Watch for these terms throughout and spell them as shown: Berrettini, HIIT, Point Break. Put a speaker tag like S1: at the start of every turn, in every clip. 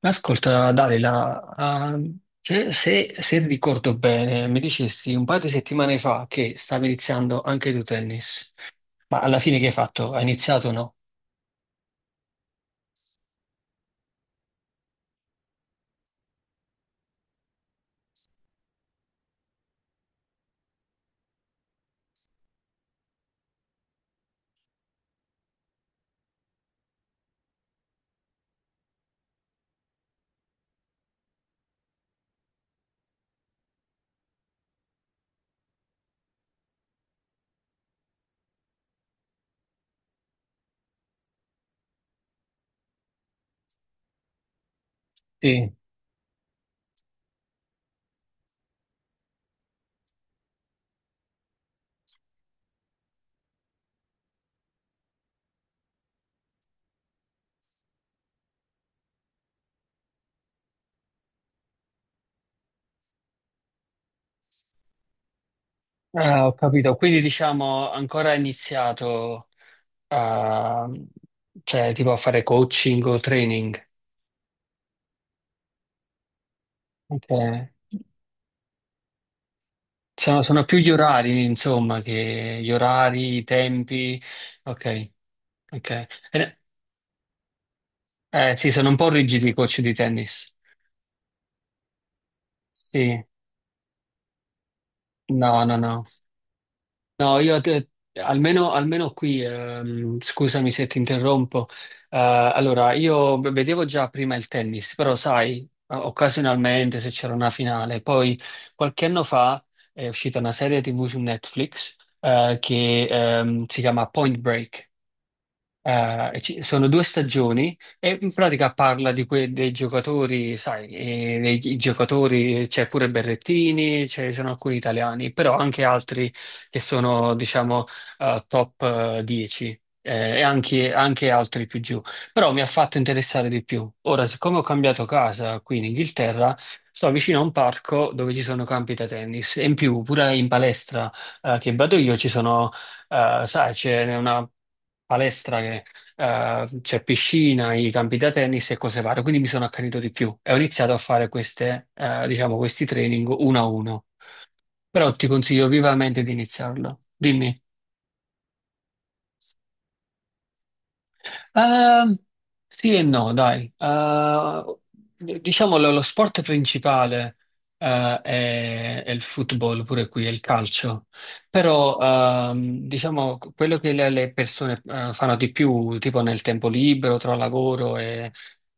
S1: Ascolta, Dalila, se ricordo bene, mi dicesti un paio di settimane fa che stavi iniziando anche tu tennis, ma alla fine che hai fatto? Hai iniziato o no? Sì. Ah, ho capito, quindi diciamo ancora hai iniziato a, cioè, tipo a fare coaching o training. Ok. Sono, sono più gli orari, insomma, che gli orari, i tempi. Ok, ok. Eh, sì, sono un po' rigidi i coach di tennis. Sì. No, no, no. No, almeno, almeno qui, scusami se ti interrompo. Allora, vedevo già prima il tennis, però sai, occasionalmente se c'era una finale. Poi qualche anno fa è uscita una serie TV su Netflix, che, si chiama Point Break. Sono due stagioni e in pratica parla di dei giocatori, sai, dei giocatori, c'è pure Berrettini, ci sono alcuni italiani, però anche altri che sono, diciamo, top 10 e anche, anche altri più giù. Però mi ha fatto interessare di più. Ora, siccome ho cambiato casa qui in Inghilterra, sto vicino a un parco dove ci sono campi da tennis e in più pure in palestra che vado io ci sono. Sai, c'è una palestra che c'è piscina, i campi da tennis e cose varie, quindi mi sono accanito di più e ho iniziato a fare queste, diciamo, questi training uno a uno. Però ti consiglio vivamente di iniziarlo. Dimmi. Ehm, sì e no, dai. Diciamo lo sport principale è il football, pure qui, è il calcio. Però diciamo quello che le persone fanno di più, tipo nel tempo libero, tra lavoro e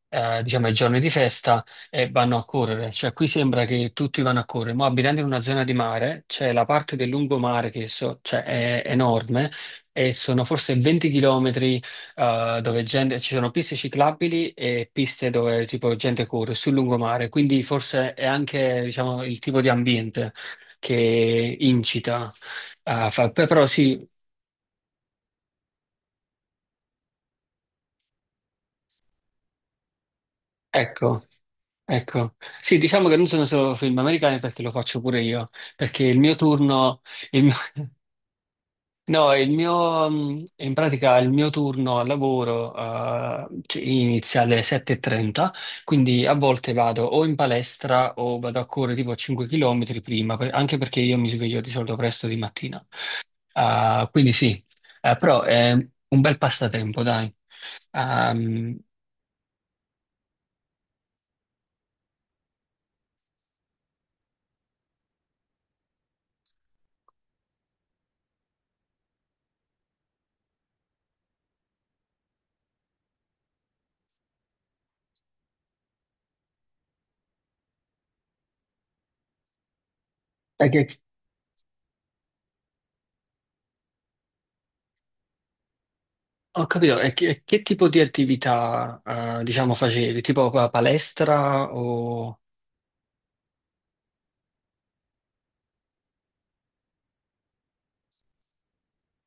S1: diciamo i giorni di festa, e vanno a correre. Cioè qui sembra che tutti vanno a correre, ma abitando in una zona di mare, c'è la parte del lungomare che cioè, è enorme e sono forse 20 km ci sono piste ciclabili e piste dove tipo gente corre sul lungomare, quindi forse è anche diciamo, il tipo di ambiente che incita a fare. Però sì, ecco, ecco. Sì, diciamo che non sono solo film americani perché lo faccio pure io, perché il mio turno, il no, il mio, in pratica il mio turno al lavoro inizia alle 7:30, quindi a volte vado o in palestra o vado a correre tipo 5 km prima, anche perché io mi sveglio di solito presto di mattina. Ah, quindi sì, eh, però è un bel passatempo, dai. Ehm, è che- ho capito, e che tipo di attività diciamo facevi? Tipo palestra o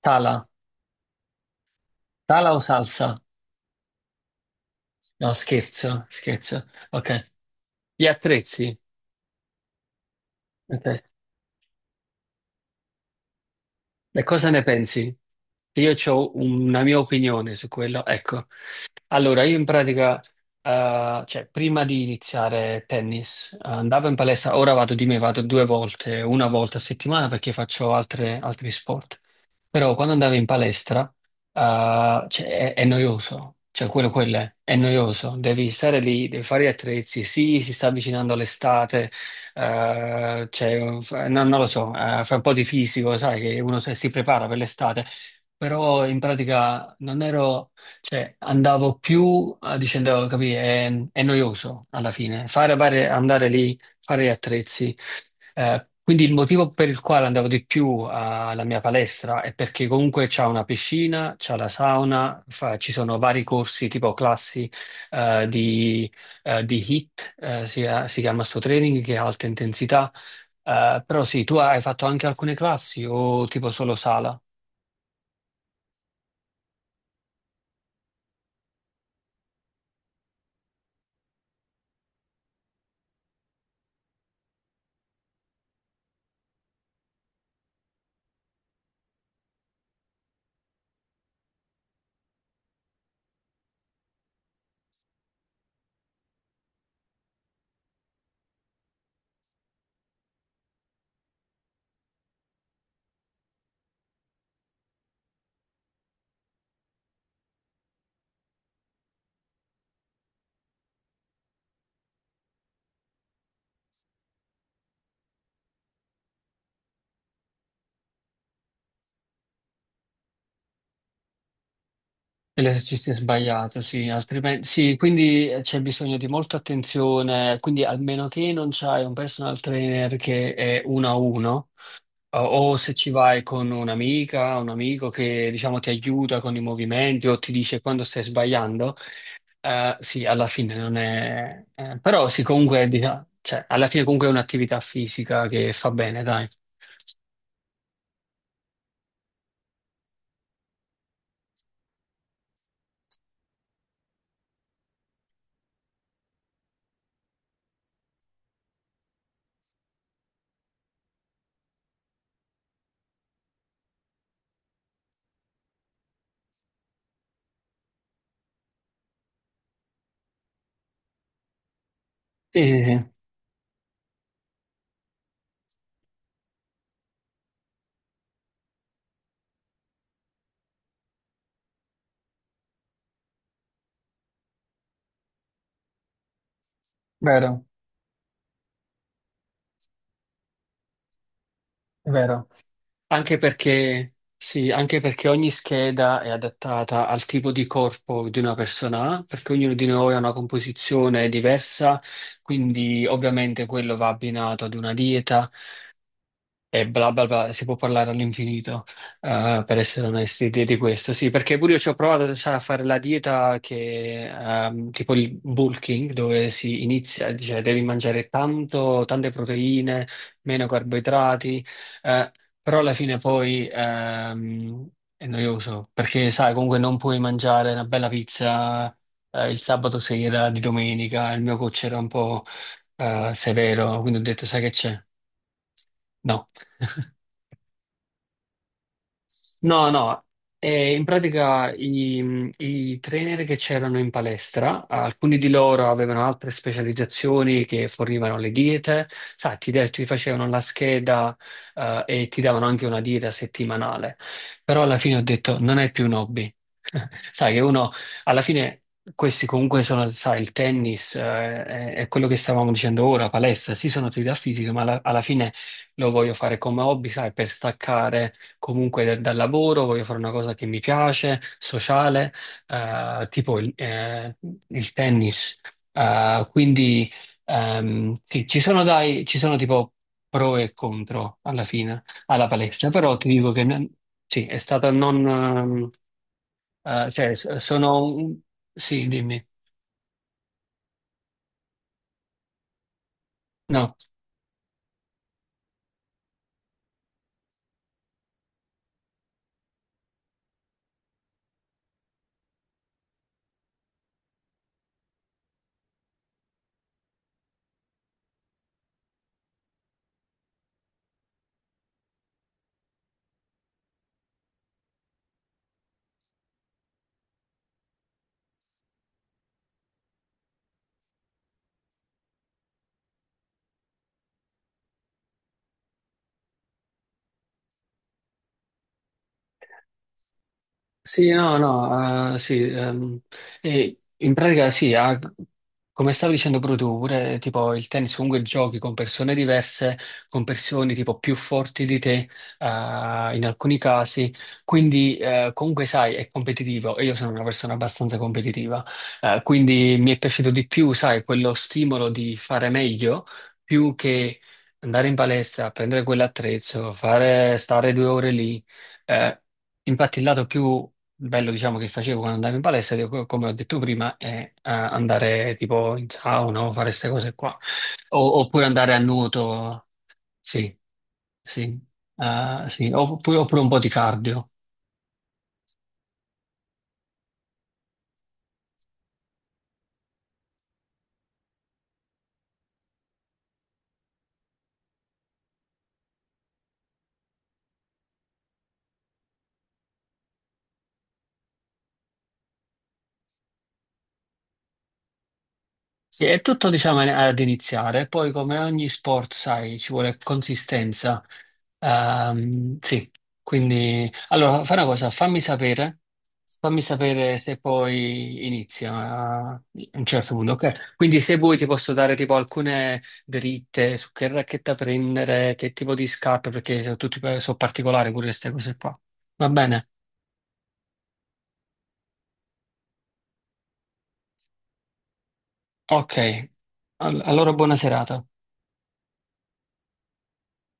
S1: tala? Tala o salsa? No, scherzo, scherzo. Ok. Gli attrezzi. Ok. E cosa ne pensi? Che Io ho una mia opinione su quello. Ecco. Allora, io in pratica, cioè, prima di iniziare tennis, andavo in palestra, ora vado di me, vado 2 volte, una volta a settimana perché faccio altri sport. Però quando andavi in palestra, cioè, è noioso, cioè quello, è noioso, devi stare lì, devi fare gli attrezzi, sì, si sta avvicinando l'estate, cioè, non lo so, fa un po' di fisico, sai, che uno si prepara per l'estate, però in pratica non ero, cioè andavo più dicendo, capì, è noioso alla fine, fare, andare lì, fare gli attrezzi. Quindi il motivo per il quale andavo di più alla mia palestra è perché comunque c'è una piscina, c'è la sauna, ci sono vari corsi tipo classi eh, di, di HIIT, si chiama sto training che è alta intensità. Però sì, tu hai fatto anche alcune classi o tipo solo sala? L'esercizio è sbagliato, sì, altrimenti, sì, quindi c'è bisogno di molta attenzione, quindi almeno che non c'hai un personal trainer che è uno a uno, O o se ci vai con un'amica, un amico che diciamo ti aiuta con i movimenti o ti dice quando stai sbagliando, sì, alla fine non è... però sì, comunque, cioè, alla fine comunque è un'attività fisica che fa bene, dai. Sì, sì, sì, vero, è vero. Anche perché, sì, anche perché ogni scheda è adattata al tipo di corpo di una persona, ha, perché ognuno di noi ha una composizione diversa, quindi ovviamente quello va abbinato ad una dieta e bla bla bla, si può parlare all'infinito, per essere onesti, di questo. Sì, perché pure io ci ho provato sai, a fare la dieta che, tipo il bulking, dove si inizia, cioè devi mangiare tanto, tante proteine, meno carboidrati, eh, però alla fine poi è noioso, perché sai, comunque non puoi mangiare una bella pizza, il sabato sera, di domenica, il mio coach era un po' severo, quindi ho detto, sai che c'è? No. No, no, in pratica i trainer che c'erano in palestra, alcuni di loro avevano altre specializzazioni che fornivano le diete, sai, ti facevano la scheda, e ti davano anche una dieta settimanale, però alla fine ho detto non è più un hobby. Sai che uno, alla fine questi comunque sono, sai, il tennis, è quello che stavamo dicendo ora, palestra, sì sono attività fisiche, ma alla fine lo voglio fare come hobby, sai, per staccare comunque dal lavoro, voglio fare una cosa che mi piace, sociale, tipo il tennis. Quindi sì, ci sono, dai, ci sono tipo pro e contro alla fine alla palestra, però ti dico che non- sì, è stata non... cioè, sono... un- Sì, dimmi. No. Sì, no, no, sì, e in pratica sì, ha- come stavi dicendo proprio tu, pure tipo il tennis comunque giochi con persone diverse, con persone tipo più forti di te, in alcuni casi, quindi comunque sai, è competitivo e io sono una persona abbastanza competitiva, quindi mi è piaciuto di più, sai, quello stimolo di fare meglio più che andare in palestra, prendere quell'attrezzo, fare, stare 2 ore lì. eh, Infatti, il lato più bello, diciamo, che facevo quando andavo in palestra, che come ho detto prima, è andare tipo in sauna o fare queste cose qua. Oppure andare a nuoto, sì, sì, sì. Oppure, oppure un po' di cardio. Sì, è tutto, diciamo, ad iniziare. Poi, come ogni sport, sai, ci vuole consistenza. Sì, quindi allora fai una cosa, fammi sapere se poi inizia a un certo punto, ok? Quindi se vuoi ti posso dare tipo alcune dritte su che racchetta prendere, che tipo di scarpe, perché sono tutti sono particolari pure queste cose qua. Va bene? Ok, allora buona serata.